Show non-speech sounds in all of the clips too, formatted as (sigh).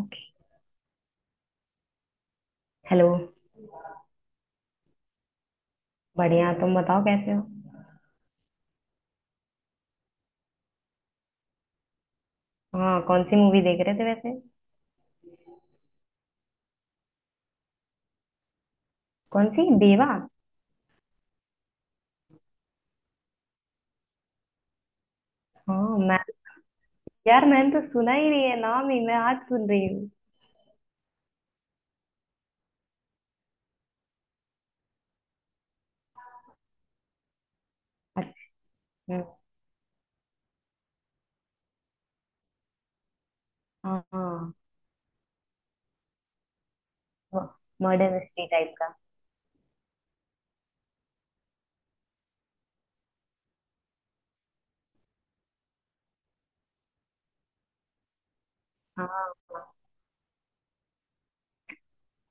Okay. Hello. बढ़िया, तुम बताओ कैसे हो। हाँ, कौन सी मूवी देख रहे थे वैसे? कौन सी देवा? हाँ, मैं तो। यार, मैंने तो सुना ही नहीं है, नाम ही मैं आज सुन रही हूँ। अच्छा। हम्म। हाँ, मर्डर मिस्ट्री टाइप का। हाँ, हाँ।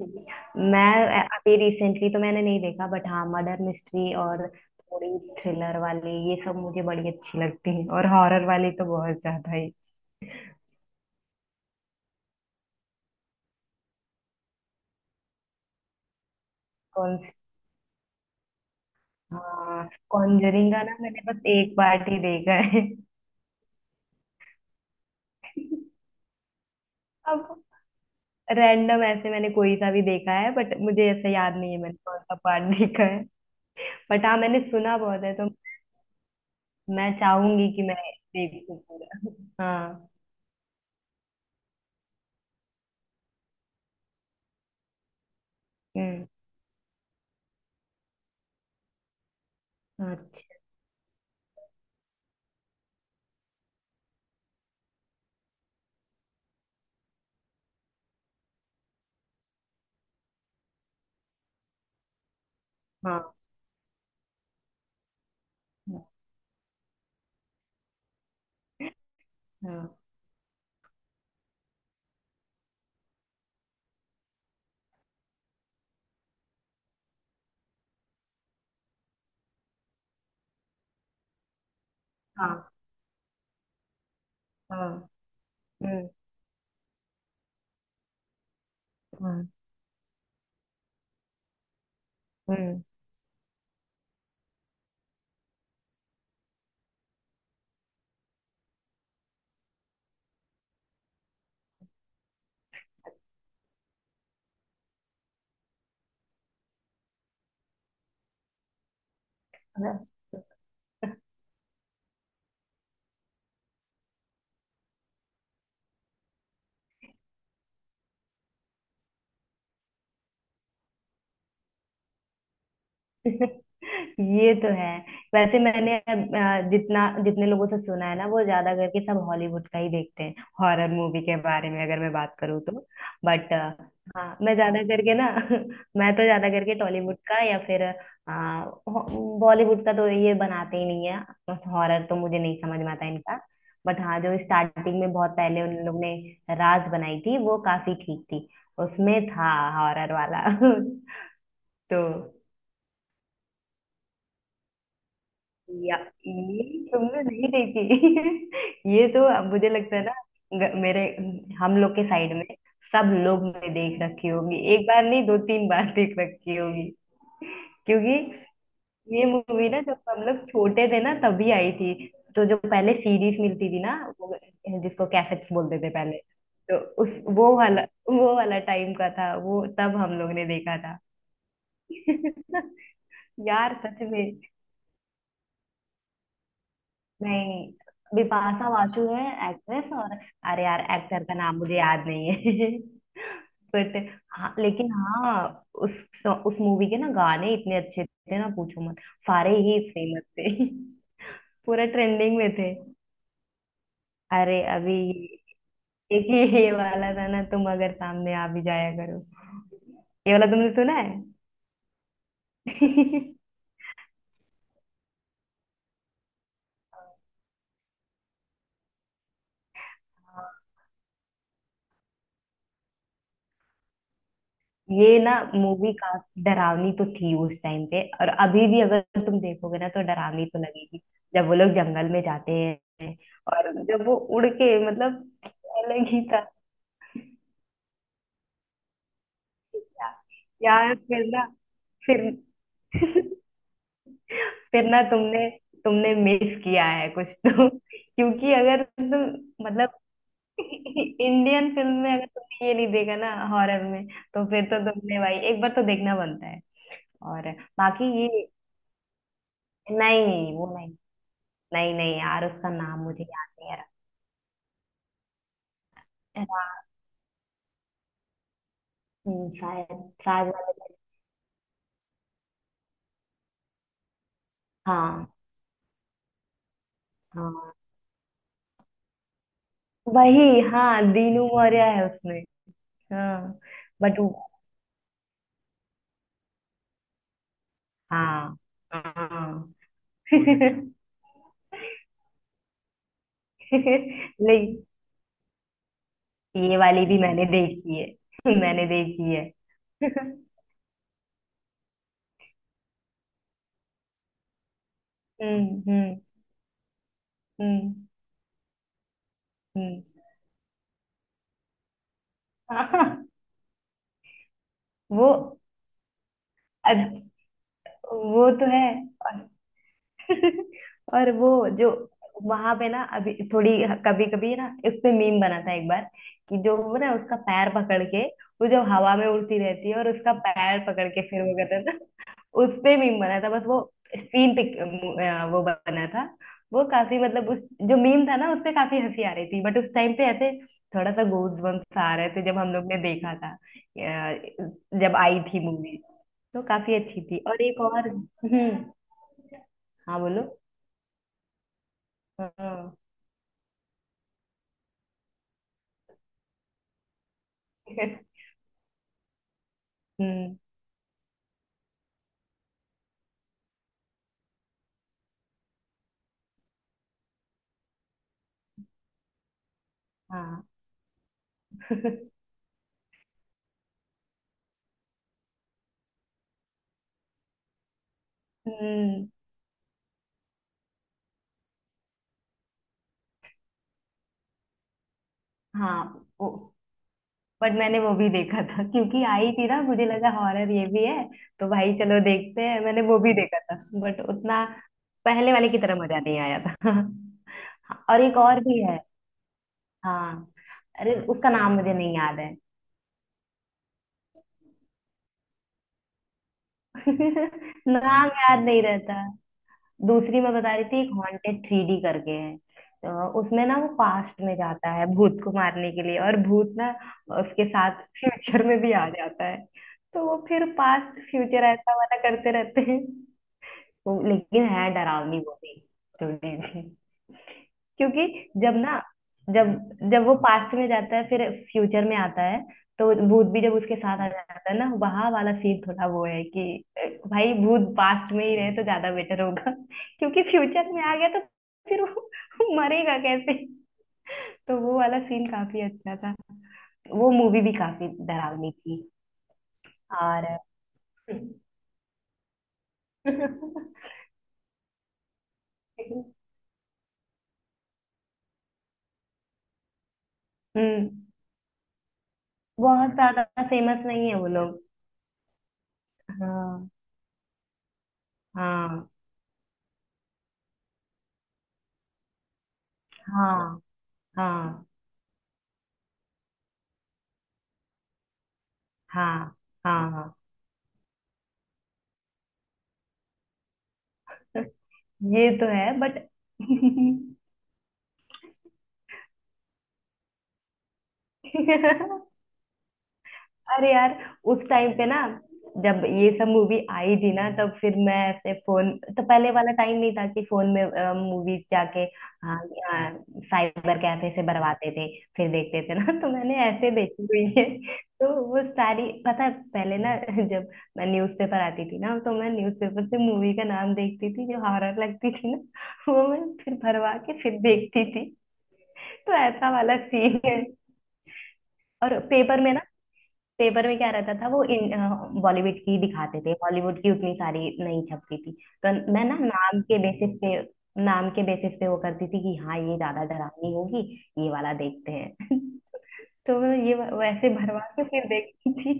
ठीक है। मैं अभी रिसेंटली तो मैंने नहीं देखा, बट हाँ मर्डर मिस्ट्री और थोड़ी थ्रिलर वाली, ये सब मुझे बड़ी अच्छी लगती है, और हॉरर वाली तो बहुत ज्यादा ही। कौन सी? हाँ, कॉन्जरिंग का ना मैंने बस एक पार्ट ही देखा है। अब, रैंडम ऐसे मैंने कोई सा भी देखा है, बट मुझे ऐसे याद नहीं है मैंने कौन सा पार्ट देखा है। बट हाँ, मैंने सुना बहुत है तो मैं चाहूंगी कि मैं देखूं पूरा। हाँ। हम्म। अच्छा। हाँ, हाँ, हाँ, हाँ। हम्म, हम्म, हम्म। हाँ। ये तो है। वैसे मैंने जितना जितने लोगों से सुना है ना, वो ज्यादा करके सब हॉलीवुड का ही देखते हैं, हॉरर मूवी के बारे में अगर मैं बात करूँ तो। बट हाँ, मैं ज्यादा करके ना (laughs) मैं तो ज्यादा करके टॉलीवुड का या फिर आ, बॉलीवुड का, तो ये बनाते ही नहीं है। हॉरर तो मुझे नहीं समझ में आता इनका। बट हाँ, जो स्टार्टिंग में बहुत पहले उन लोग ने राज बनाई थी, वो काफी ठीक थी। उसमें था हॉरर वाला। (laughs) तो या ये तुमने नहीं देखी? (laughs) ये तो अब मुझे लगता है ना, मेरे, हम लोग के साइड में सब लोग ने देख रखी होगी, एक बार नहीं दो तीन बार देख रखी होगी। क्योंकि ये मूवी ना जब हम लोग छोटे थे ना तभी आई थी। तो जो पहले सीरीज मिलती थी ना, वो जिसको कैसेट्स बोलते थे पहले, तो उस वो वाला वो वाला टाइम का था, वो तब हम लोग ने देखा था। (laughs) यार, सच में। नहीं, बिपाशा बासु है एक्ट्रेस। और अरे यार, एक्टर का नाम मुझे याद नहीं है। (laughs) बट हाँ, लेकिन हाँ, उस उस मूवी के ना गाने इतने अच्छे थे ना, पूछो मत। सारे ही फेमस थे। (laughs) पूरा ट्रेंडिंग में थे। अरे अभी, एक ही ये वाला था ना, तुम अगर सामने आ भी जाया करो। ये वाला तुमने सुना है? (laughs) हाँ। ये ना मूवी काफी डरावनी तो थी उस टाइम पे, और अभी भी अगर तुम देखोगे ना तो डरावनी तो लगेगी। जब वो लोग जंगल में जाते हैं, और जब वो उड़ के मतलब, अलग ही था। यार, फिर ना, फिर फिर ना तुमने तुमने मिस किया है कुछ तो, क्योंकि अगर तुम मतलब, इंडियन फिल्म में अगर तुमने ये नहीं देखा ना हॉरर में, तो फिर तो तुमने भाई एक बार तो देखना बनता है। और बाकी ये, नहीं वो नहीं, नहीं नहीं यार, उसका नाम मुझे याद नहीं आ रहा। शायद राज वाले। हाँ। हाँ वही, हाँ, दीनू मौर्य है उसमें। हाँ, बट हाँ, हाँ। (laughs) नहीं, ये वाली भी मैंने देखी है। (laughs) मैंने देखी है। (laughs) हम्म, हम्म, हम्म, हम्म। (laughs) हाँ, वो, अच्छ- वो तो है। (laughs) और वो जो वहां पे ना, अभी थोड़ी, कभी कभी ना उस पे मीम बना था एक बार, कि जो वो ना उसका पैर पकड़ के, वो जब हवा में उड़ती रहती है और उसका पैर पकड़ के फिर वो करता था। उस पे मीम बना था, बस वो सीन पिक, वो बना था। वो काफी मतलब, उस जो मीम था ना उस पे काफी हंसी आ रही थी, बट उस टाइम पे ऐसे थोड़ा सा गूज बम्स आ रहे थे जब हम लोग ने देखा था, जब आई थी मूवी, तो काफी अच्छी थी। और एक और हम्म। हाँ बोलो। हाँ, हम्म, हाँ। (laughs) हम्म, हाँ, वो, बट मैंने वो भी देखा था क्योंकि आई थी ना, मुझे लगा हॉरर ये भी है, तो भाई चलो देखते हैं, मैंने वो भी देखा था। बट उतना पहले वाले की तरह मजा नहीं आया था। (laughs) हाँ, और एक और भी है। हाँ, अरे उसका नाम मुझे नहीं याद है। (laughs) नाम याद नहीं रहता। दूसरी मैं बता रही थी, एक हॉन्टेड थ्री डी करके है, तो उसमें ना वो पास्ट में जाता है भूत को मारने के लिए, और भूत ना उसके साथ फ्यूचर में भी आ जाता है। तो वो फिर पास्ट फ्यूचर ऐसा वाला करते रहते हैं। वो लेकिन है डरावनी, वो भी थोड़ी सी। क्योंकि जब ना, जब जब वो पास्ट में जाता है फिर फ्यूचर में आता है, तो भूत भी जब उसके साथ आ जाता है ना, वहां वाला सीन थोड़ा वो है कि, भाई भूत पास्ट में ही रहे तो ज्यादा बेटर होगा। (laughs) क्योंकि फ्यूचर में आ गया तो फिर वो (laughs) वो मरेगा कैसे? तो वो वाला सीन काफी अच्छा था। वो मूवी भी काफी डरावनी थी। और (laughs) हम्म, बहुत ज्यादा फेमस नहीं है वो लोग। हाँ, हाँ, हाँ, हाँ, हाँ, हाँ। (laughs) ये तो है बट। (laughs) अरे यार, उस टाइम पे ना जब ये सब मूवी आई थी ना, तब फिर मैं ऐसे फोन, तो पहले वाला टाइम नहीं था कि फोन में मूवीज जाके। हाँ, साइबर कैफे से भरवाते थे, फिर देखते थे ना। (laughs) तो मैंने ऐसे देखी हुई है। तो वो सारी पता है। पहले ना, जब मैं न्यूज़पेपर आती थी ना, तो मैं न्यूज़पेपर से मूवी का नाम देखती थी जो हॉरर लगती थी ना। (laughs) वो मैं फिर भरवा के फिर देखती थी। तो ऐसा वाला सीन है। और पेपर में ना, पेपर में क्या रहता था, वो इन बॉलीवुड की दिखाते थे, हॉलीवुड की उतनी सारी नहीं छपती थी। तो मैं ना नाम के बेसिस पे वो करती थी कि हाँ ये ज्यादा डरावनी होगी, ये वाला देखते हैं। (laughs) तो मैं ये वैसे भरवा के फिर देखती थी।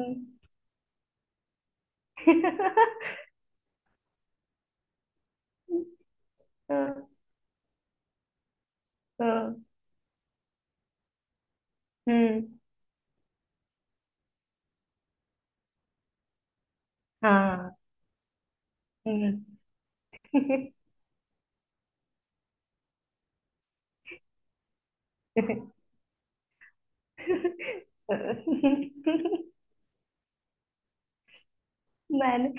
हम्म। (laughs) हाँ, हाँ, हम्म, हाँ, हम्म। (laughs) मैंने,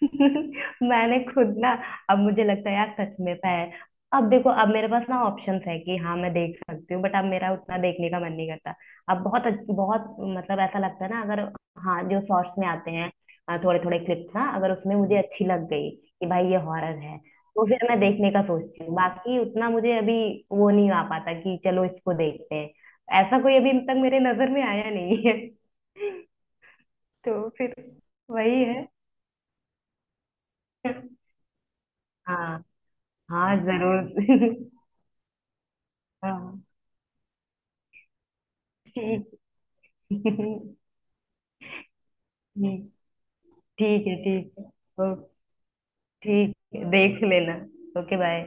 (laughs) मैंने खुद ना, अब मुझे लगता है यार सच में पैर, अब देखो, अब मेरे पास ना ऑप्शंस है कि हाँ मैं देख सकती हूँ, बट अब मेरा उतना देखने का मन नहीं करता। अब बहुत बहुत मतलब ऐसा लगता है ना, अगर, हाँ जो शॉर्ट्स में आते हैं थोड़े थोड़े क्लिप्स ना, अगर उसमें मुझे अच्छी लग गई कि भाई ये हॉरर है, तो फिर मैं देखने का सोचती हूँ, बाकी उतना मुझे अभी वो नहीं आ पाता कि चलो इसको देखते हैं। ऐसा कोई अभी तक मेरे नजर में आया नहीं है। (laughs) तो फिर, वही है। हाँ, हाँ जरूर। (laughs) हाँ, ठीक, ठीक। ठीक है, ठीक है। ओ, ठीक है, देख लेना। Okay, bye.